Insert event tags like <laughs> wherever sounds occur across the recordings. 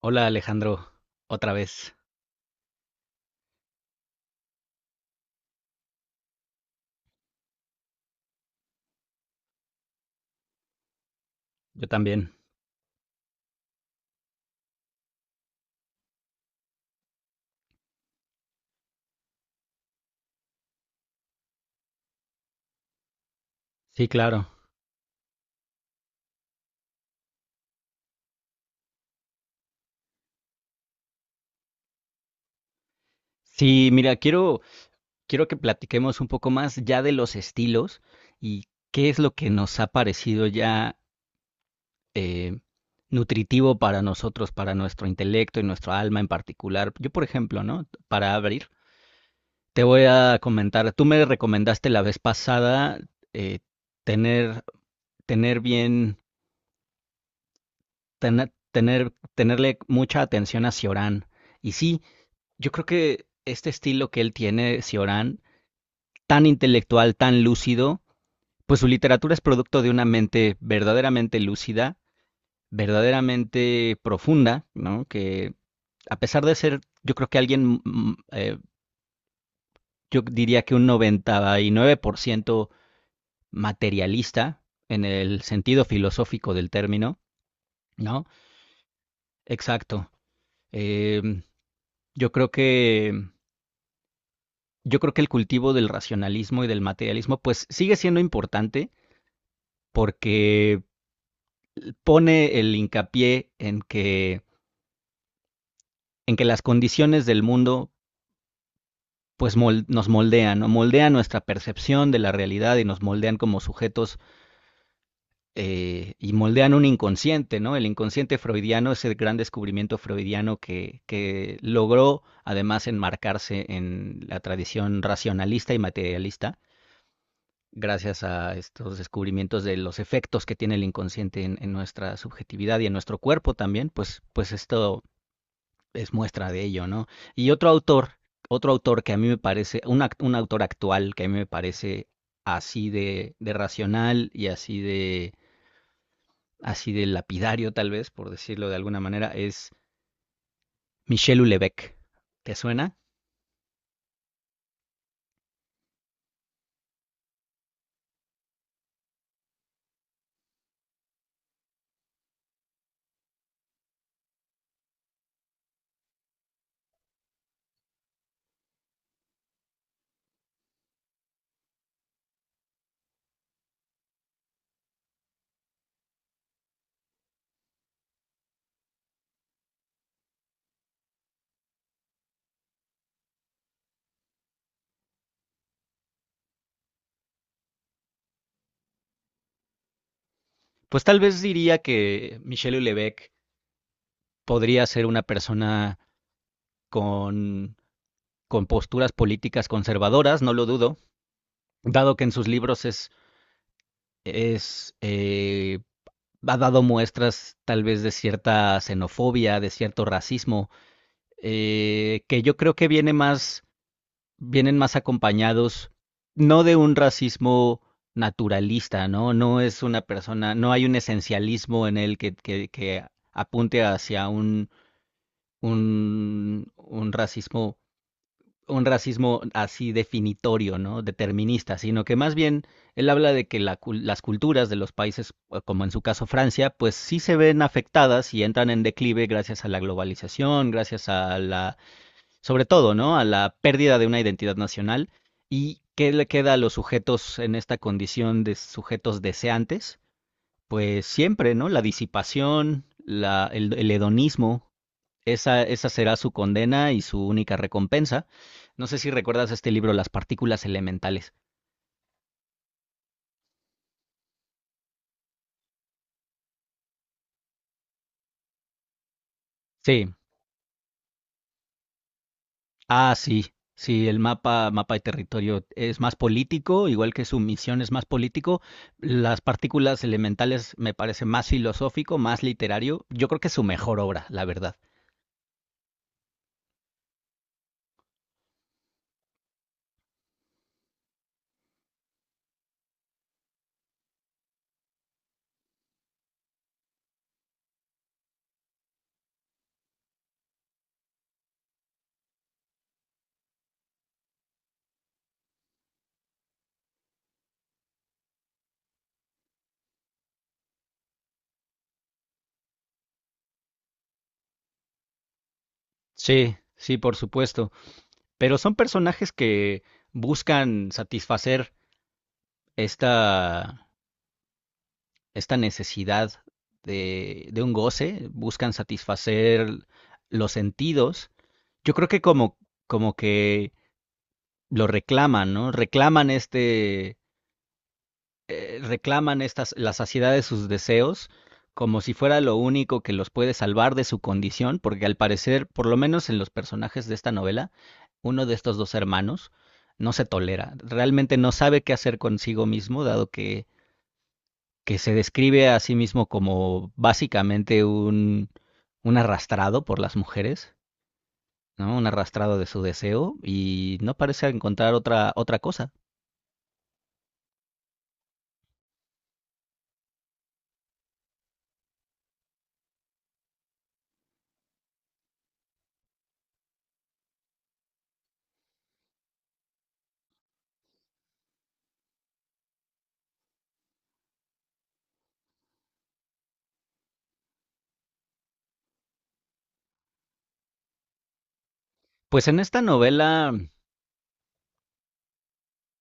Hola, Alejandro, otra vez. Yo también. Sí, claro. Sí, mira, quiero, quiero que platiquemos un poco más ya de los estilos y qué es lo que nos ha parecido ya eh, nutritivo para nosotros, para nuestro intelecto y nuestro alma en particular. Yo, por ejemplo, ¿no? Para abrir, te voy a comentar, tú me recomendaste la vez pasada, eh, tener, tener bien, tenerle mucha atención a Ciorán. Y sí, yo creo que este estilo que él tiene, Cioran, tan intelectual, tan lúcido, pues su literatura es producto de una mente verdaderamente lúcida, verdaderamente profunda, ¿no? Que a pesar de ser, yo creo que alguien, yo diría que un 99% materialista en el sentido filosófico del término, ¿no? Exacto. Eh, yo creo que el cultivo del racionalismo y del materialismo pues sigue siendo importante, porque pone el hincapié en que las condiciones del mundo pues nos moldean, ¿no? Moldean nuestra percepción de la realidad y nos moldean como sujetos, y moldean un inconsciente, ¿no? El inconsciente freudiano es el gran descubrimiento freudiano que logró además enmarcarse en la tradición racionalista y materialista gracias a estos descubrimientos de los efectos que tiene el inconsciente en nuestra subjetividad y en nuestro cuerpo también, pues, pues esto es muestra de ello, ¿no? Y otro autor que a mí me parece, un autor actual que a mí me parece así de racional y así de lapidario, tal vez, por decirlo de alguna manera, es Michel Houellebecq. ¿Te suena? Pues tal vez diría que Michel Houellebecq podría ser una persona con, con posturas políticas conservadoras, no lo dudo, dado que en sus libros es ha dado muestras tal vez de cierta xenofobia, de cierto racismo, que yo creo que viene más, vienen más acompañados no de un racismo naturalista, ¿no? No es una persona, no hay un esencialismo en él que apunte hacia un, un racismo, un racismo así definitorio, ¿no? Determinista, sino que más bien él habla de que las culturas de los países, como en su caso Francia, pues sí se ven afectadas y entran en declive gracias a la globalización, gracias a sobre todo, ¿no? A la pérdida de una identidad nacional. ¿Y qué le queda a los sujetos en esta condición de sujetos deseantes? Pues siempre, ¿no? La disipación, el hedonismo, esa será su condena y su única recompensa. No sé si recuerdas este libro, Las partículas elementales. Sí, ah, sí, sí, el mapa, mapa de territorio es más político, igual que su misión es más político. Las partículas elementales me parece más filosófico, más literario. Yo creo que es su mejor obra, la verdad. Sí, sí, por supuesto. Pero son personajes que buscan satisfacer esta, esta necesidad de un goce, buscan satisfacer los sentidos. Yo creo que como, como que lo reclaman, ¿no? Reclaman este, reclaman estas, la saciedad de sus deseos, como si fuera lo único que los puede salvar de su condición, porque al parecer, por lo menos en los personajes de esta novela, uno de estos dos hermanos no se tolera, realmente no sabe qué hacer consigo mismo, dado que se describe a sí mismo como básicamente un arrastrado por las mujeres, ¿no? Un arrastrado de su deseo y no parece encontrar otra, otra cosa. Pues en esta novela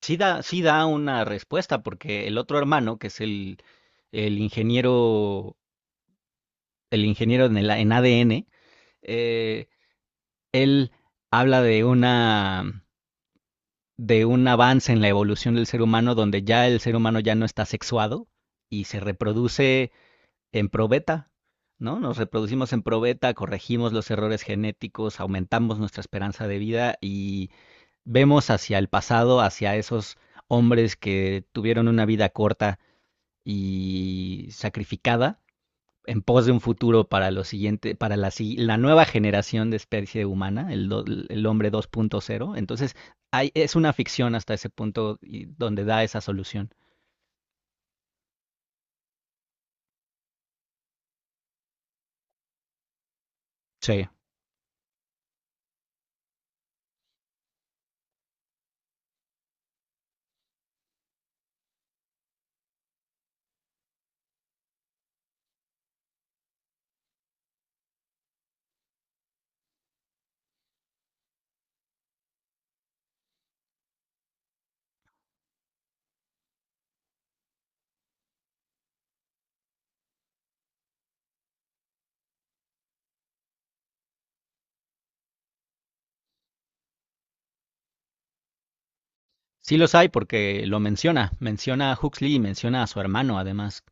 sí da, sí da una respuesta porque el otro hermano, que es el ingeniero, el ingeniero en ADN, eh, él habla de una, de un avance en la evolución del ser humano donde ya el ser humano ya no está sexuado y se reproduce en probeta, ¿no? Nos reproducimos en probeta, corregimos los errores genéticos, aumentamos nuestra esperanza de vida y vemos hacia el pasado, hacia esos hombres que tuvieron una vida corta y sacrificada en pos de un futuro para lo siguiente, para la, si-, la nueva generación de especie humana, el hombre 2.0. Entonces, hay, es una ficción hasta ese punto donde da esa solución. Sí, sí los hay porque lo menciona, menciona a Huxley y menciona a su hermano además.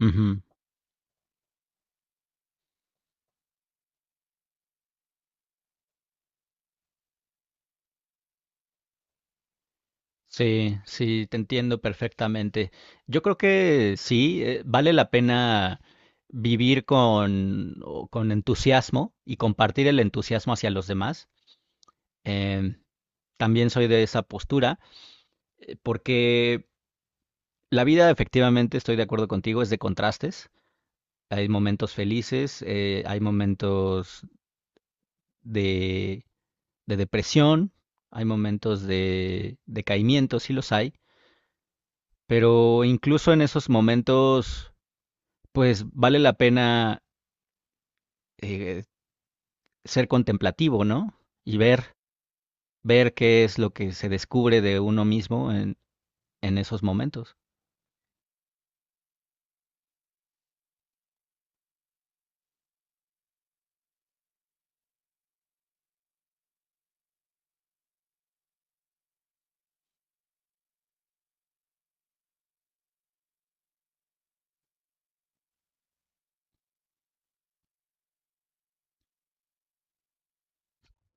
Ujú. Sí, sí, te entiendo perfectamente. Yo creo que sí, vale la pena vivir con, con entusiasmo y compartir el entusiasmo hacia los demás. Em, también soy de esa postura, porque la vida, efectivamente, estoy de acuerdo contigo, es de contrastes. Hay momentos felices, hay momentos de de depresión, hay momentos de decaimiento, sí los hay, pero incluso en esos momentos, pues vale la pena, eh, ser contemplativo, ¿no? Y ver, ver qué es lo que se descubre de uno mismo en esos momentos.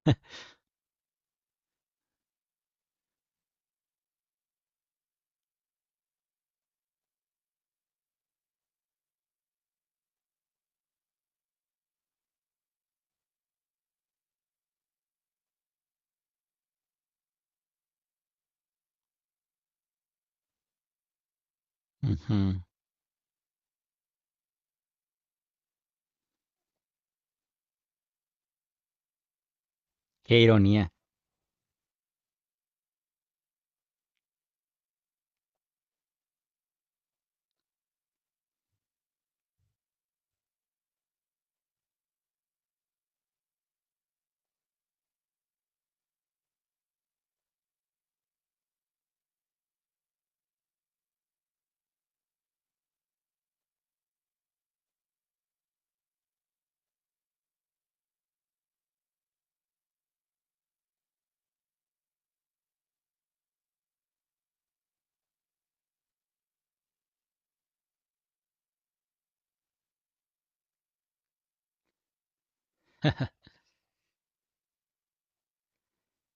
<laughs> Ujú. Qué ironía.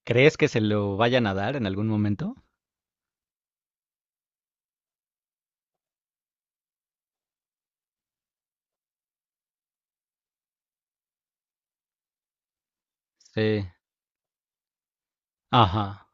¿Crees que se lo vayan a dar en algún momento? Sí. Ajá.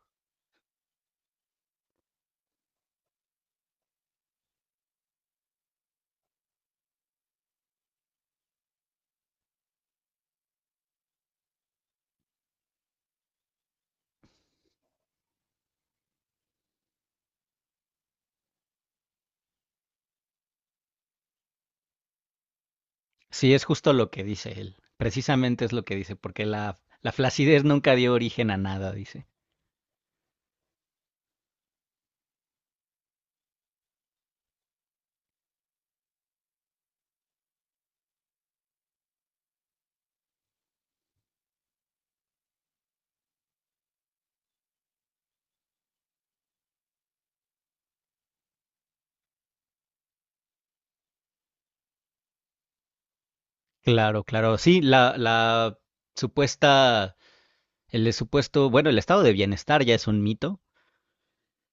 Sí, es justo lo que dice él. Precisamente es lo que dice, porque la flacidez nunca dio origen a nada, dice. Claro, claro. Sí, supuesta, el supuesto, bueno, el estado de bienestar ya es un mito.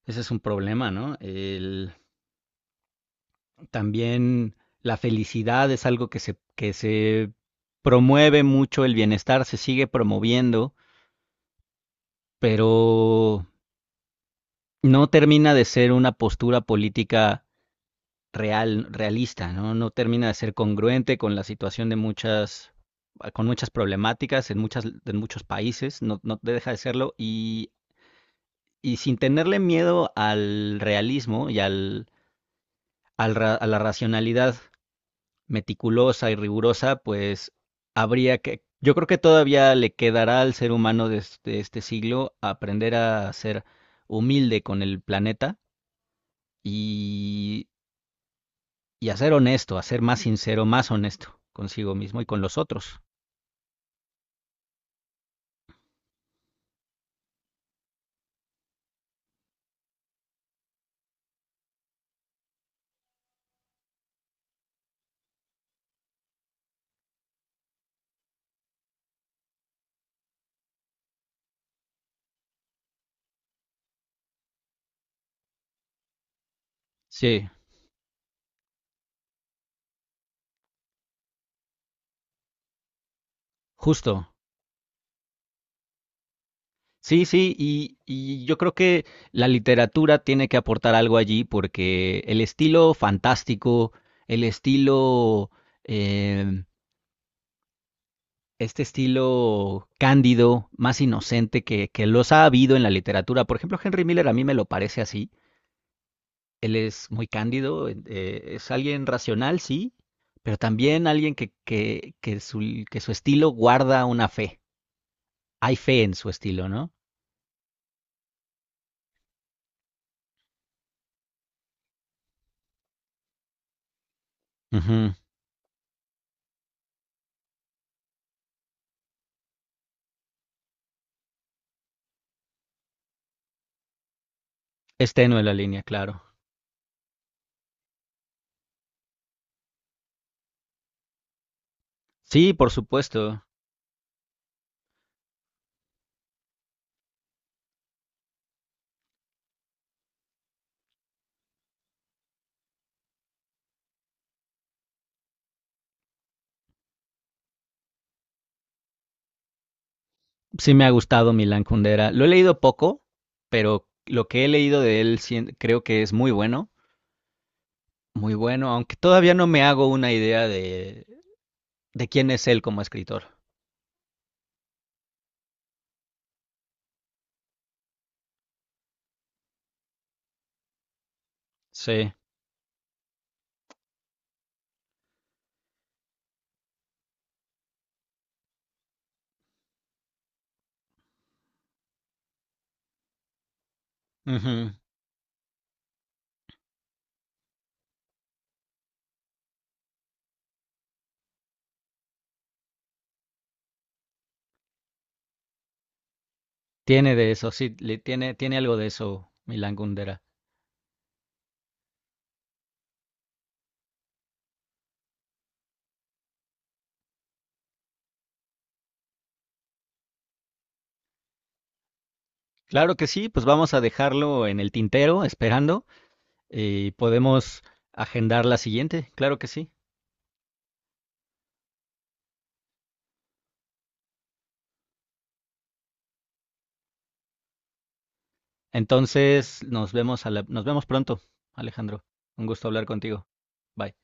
Ese es un problema, ¿no? El, también la felicidad es algo que que se promueve mucho, el bienestar se sigue promoviendo, pero no termina de ser una postura política real, realista, ¿no? No termina de ser congruente con la situación de muchas, con muchas problemáticas en muchas, en muchos países, no, no deja de serlo, y sin tenerle miedo al realismo y a la racionalidad meticulosa y rigurosa, pues habría que... Yo creo que todavía le quedará al ser humano de este, este siglo aprender a ser humilde con el planeta y, y a ser honesto, a ser más sincero, más honesto consigo mismo y con los otros. Sí, justo. Sí, sí, y yo creo que la literatura tiene que aportar algo allí porque el estilo fantástico, el estilo, em, este estilo cándido, más inocente que los ha habido en la literatura. Por ejemplo, Henry Miller a mí me lo parece así. Él es muy cándido, es alguien racional, sí, pero también alguien que su estilo guarda una fe. Hay fe en su estilo, ¿no? Ujú. Es tenue la línea, claro. Sí, por supuesto. Sí me ha gustado Milan Kundera. Lo he leído poco, pero lo que he leído de él creo que es muy bueno, muy bueno, aunque todavía no me hago una idea de quién es él como escritor. Sí, ujú. Tiene de eso, sí, le tiene, tiene algo de eso Milan Kundera. Claro que sí, pues vamos a dejarlo en el tintero, esperando, y podemos agendar la siguiente, claro que sí. Entonces, nos vemos a nos vemos pronto, Alejandro. Un gusto hablar contigo. Bye.